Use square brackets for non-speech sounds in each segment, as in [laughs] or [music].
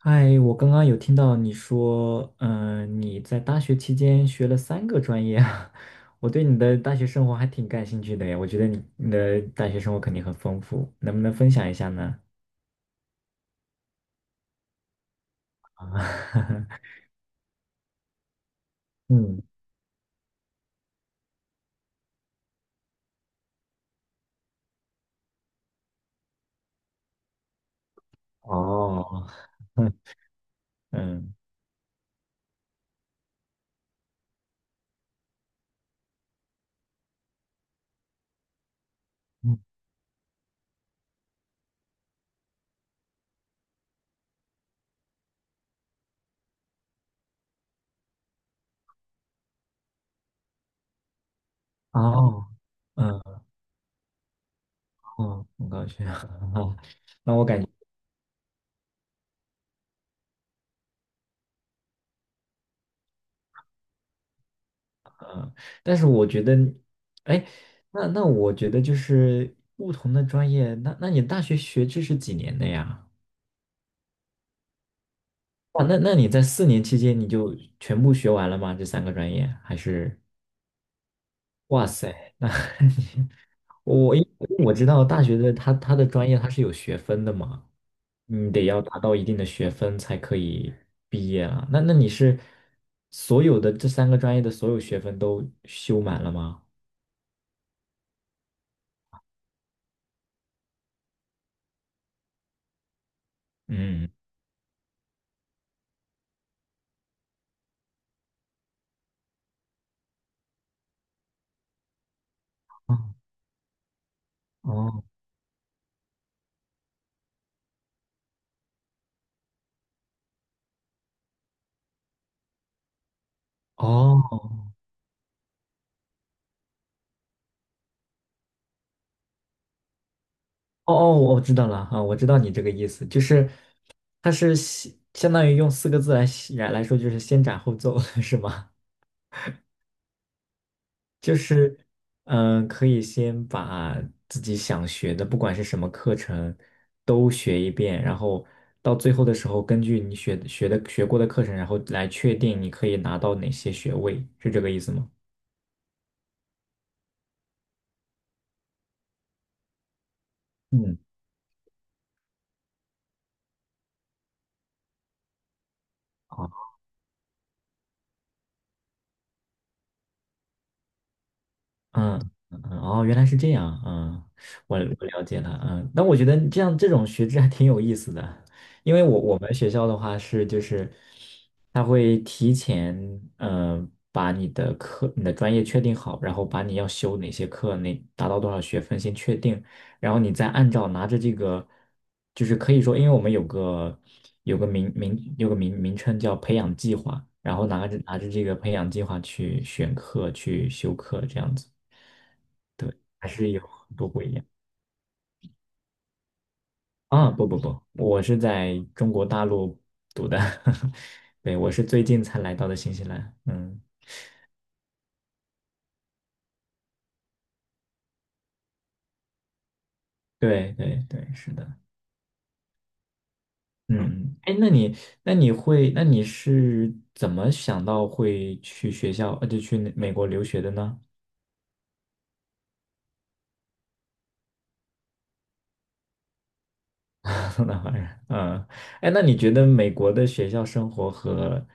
嗨，我刚刚有听到你说，你在大学期间学了三个专业啊，[laughs] 我对你的大学生活还挺感兴趣的呀。我觉得你的大学生活肯定很丰富，能不能分享一下呢？啊，[laughs] 嗯。哦，[laughs] 嗯嗯。嗯哦。嗯哦，很高兴。[laughs] 哦，那我感觉，嗯，但是我觉得，哎，那我觉得就是不同的专业，那你大学学制是几年的呀？哇，那你在4年期间你就全部学完了吗？这三个专业还是？哇塞，那 [laughs] 你我因为我知道大学的它的专业它是有学分的嘛，你得要达到一定的学分才可以毕业啊。那你是所有的这三个专业的所有学分都修满了吗？嗯。哦哦哦哦哦，我知道了啊，我知道你这个意思，就是它是相当于用四个字来说，就是先斩后奏，[laughs] 是吗？就是，可以先把自己想学的，不管是什么课程，都学一遍，然后到最后的时候，根据你学过的课程，然后来确定你可以拿到哪些学位，是这个意思吗？嗯，好。嗯嗯嗯哦，原来是这样，嗯，我了解了，嗯，那我觉得这样这种学制还挺有意思的，因为我们学校的话是就是，他会提前把你的课你的专业确定好，然后把你要修哪些课，那达到多少学分先确定，然后你再按照拿着这个，就是可以说，因为我们有个名称叫培养计划，然后拿着这个培养计划去选课去修课这样子。啊，不不不，我是在中国大陆读的，[laughs] 对，我是最近才来到的新西兰。嗯，对对对，是的。嗯，哎，那你是怎么想到会去学校，就去那美国留学的呢？[laughs] 那当然，嗯，哎，那你觉得美国的学校生活和，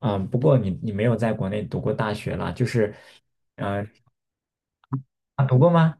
嗯，不过你没有在国内读过大学啦，就是，呃，啊，读过吗？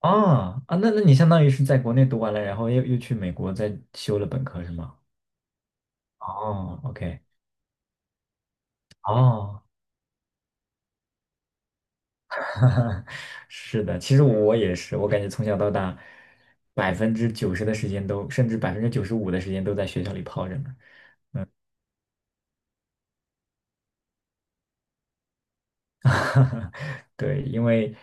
啊啊，那你相当于是在国内读完了，然后又去美国再修了本科是吗？哦，OK。哦，[laughs] 是的，其实我也是，我感觉从小到大，百分之九十的时间都，甚至95%的时间都在学校里泡着呢。[laughs] 对，因为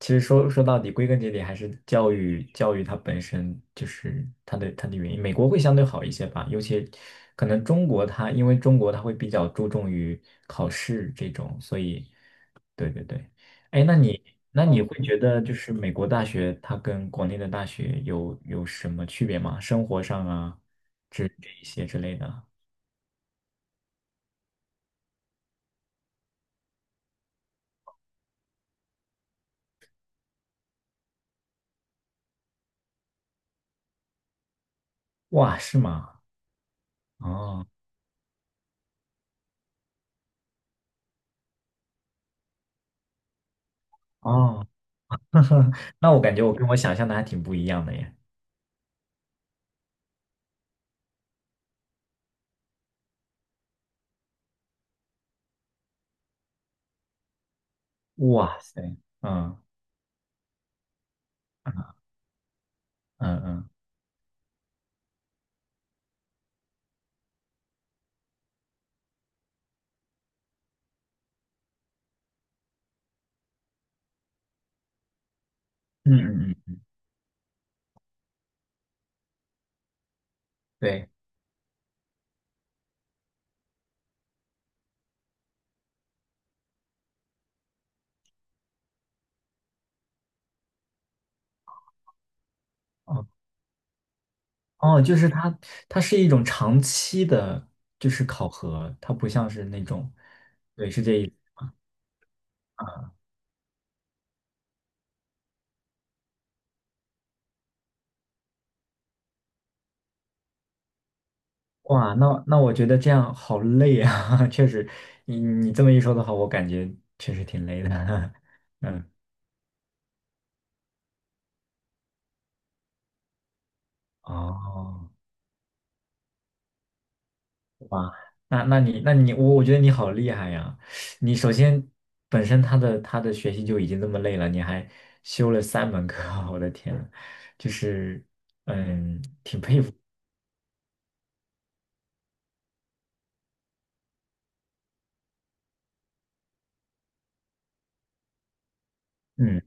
其实说到底，归根结底还是教育，教育它本身就是它的原因。美国会相对好一些吧，尤其可能中国它，因为中国它会比较注重于考试这种，所以对对对。哎，那你会觉得就是美国大学它跟国内的大学有什么区别吗？生活上啊，这一些之类的。哇，是吗？哦哦。[laughs] 那我感觉我跟我想象的还挺不一样的耶。哇塞，嗯嗯嗯嗯嗯嗯。对。哦哦，就是它，它是一种长期的，就是考核，它不像是那种，对，是这一。哇，那我觉得这样好累啊，[laughs] 确实，你这么一说的话，我感觉确实挺累的，[laughs] 嗯。哦。那那你那你我我觉得你好厉害呀！你首先本身他的学习就已经这么累了，你还修了三门课，[laughs] 我的天呐。就是。嗯嗯。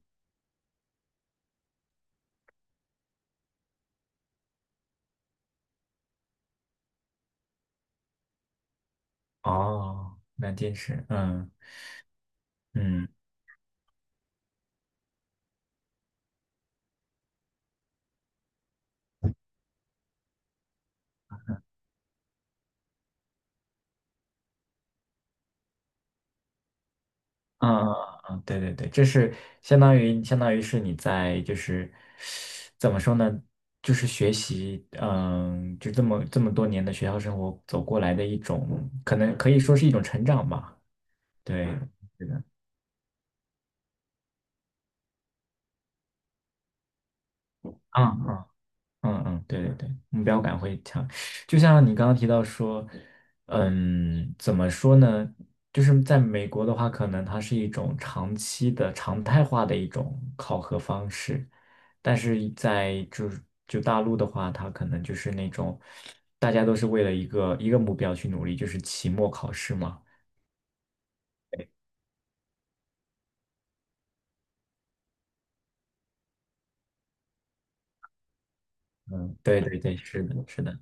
哦。那近视。嗯嗯。啊啊啊！对对对，这是相当于是你在就是怎么说呢？就是学习，嗯，就这么多年的学校生活走过来的一种，可能可以说是一种成长吧。对，是的。啊啊。嗯嗯，对对对，目标感会强。就像你刚刚提到说，嗯，怎么说呢？就是在美国的话，可能它是一种长期的常态化的一种考核方式，但是在就大陆的话，它可能就是那种大家都是为了一个一个目标去努力，就是期末考试嘛。嗯，对对对，是的，是的。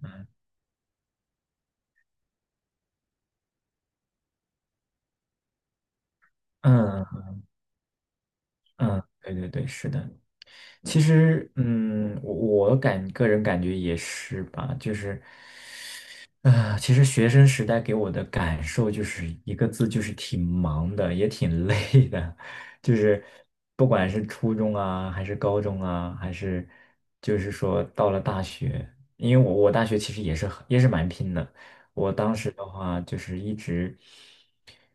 嗯嗯，对对对，是的。其实，嗯，我个人感觉也是吧，就是。啊，其实学生时代给我的感受就是一个字，就是挺忙的，也挺累的，就是不管是初中啊，还是高中啊，还是就是说到了大学，因为我大学其实也是很也是蛮拼的。我当时的话就是一直，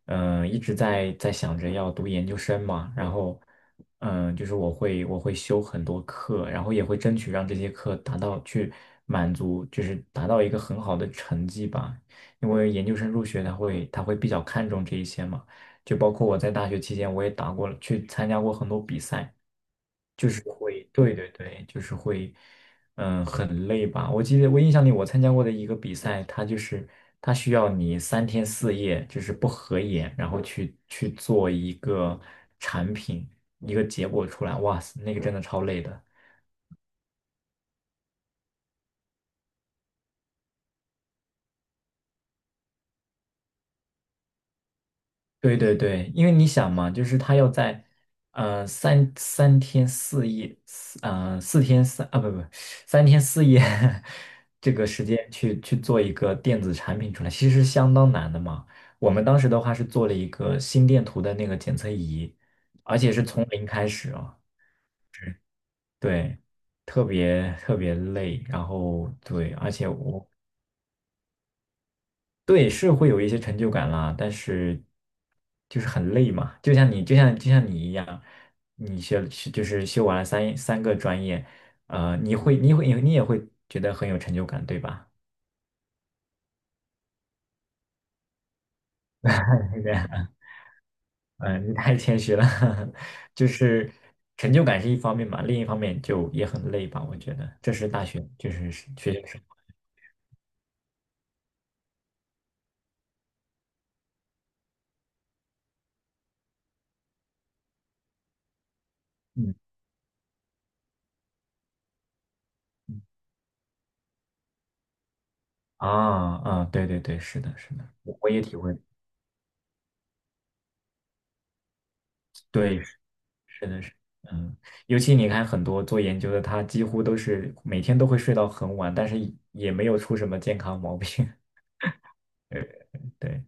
嗯、一直在想着要读研究生嘛，然后，就是我会修很多课，然后也会争取让这些课达到去满足，就是达到一个很好的成绩吧，因为研究生入学他会比较看重这一些嘛，就包括我在大学期间我也打过了，去参加过很多比赛。对对对，就是会，很累吧？我记得我印象里，我参加过的一个比赛，它就是它需要你三天四夜，就是不合眼，然后去做一个产品，一个结果出来。哇塞，那个真的超累的。对对对，因为你想嘛，就是他要在呃三三天四夜，四呃四天三啊不不三天四夜 [laughs] 这个时间去做一个电子产品出来，其实是相当难的嘛。我们当时的话是做了一个心电图的那个检测仪，而且是从零开始啊，对，特别特别累，然后对，而且我对，是会有一些成就感啦，但是就是很累嘛，就像你，就像你一样，你就是修完了三个专业，呃，你也会觉得很有成就感，对吧？[laughs] 你太谦虚了，[laughs] 就是成就感是一方面嘛，另一方面就也很累吧，我觉得这是大学就是学生嗯嗯。啊啊，对对对，是的，是的，我也体会。对。真的是，嗯，尤其你看很多做研究的，他几乎都是每天都会睡到很晚，但是也没有出什么健康毛病。[laughs] 对，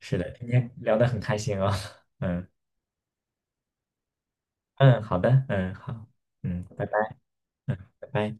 是的，今天聊得很开心啊。[laughs] 嗯嗯，好的，嗯，好，嗯，拜拜，嗯，拜拜。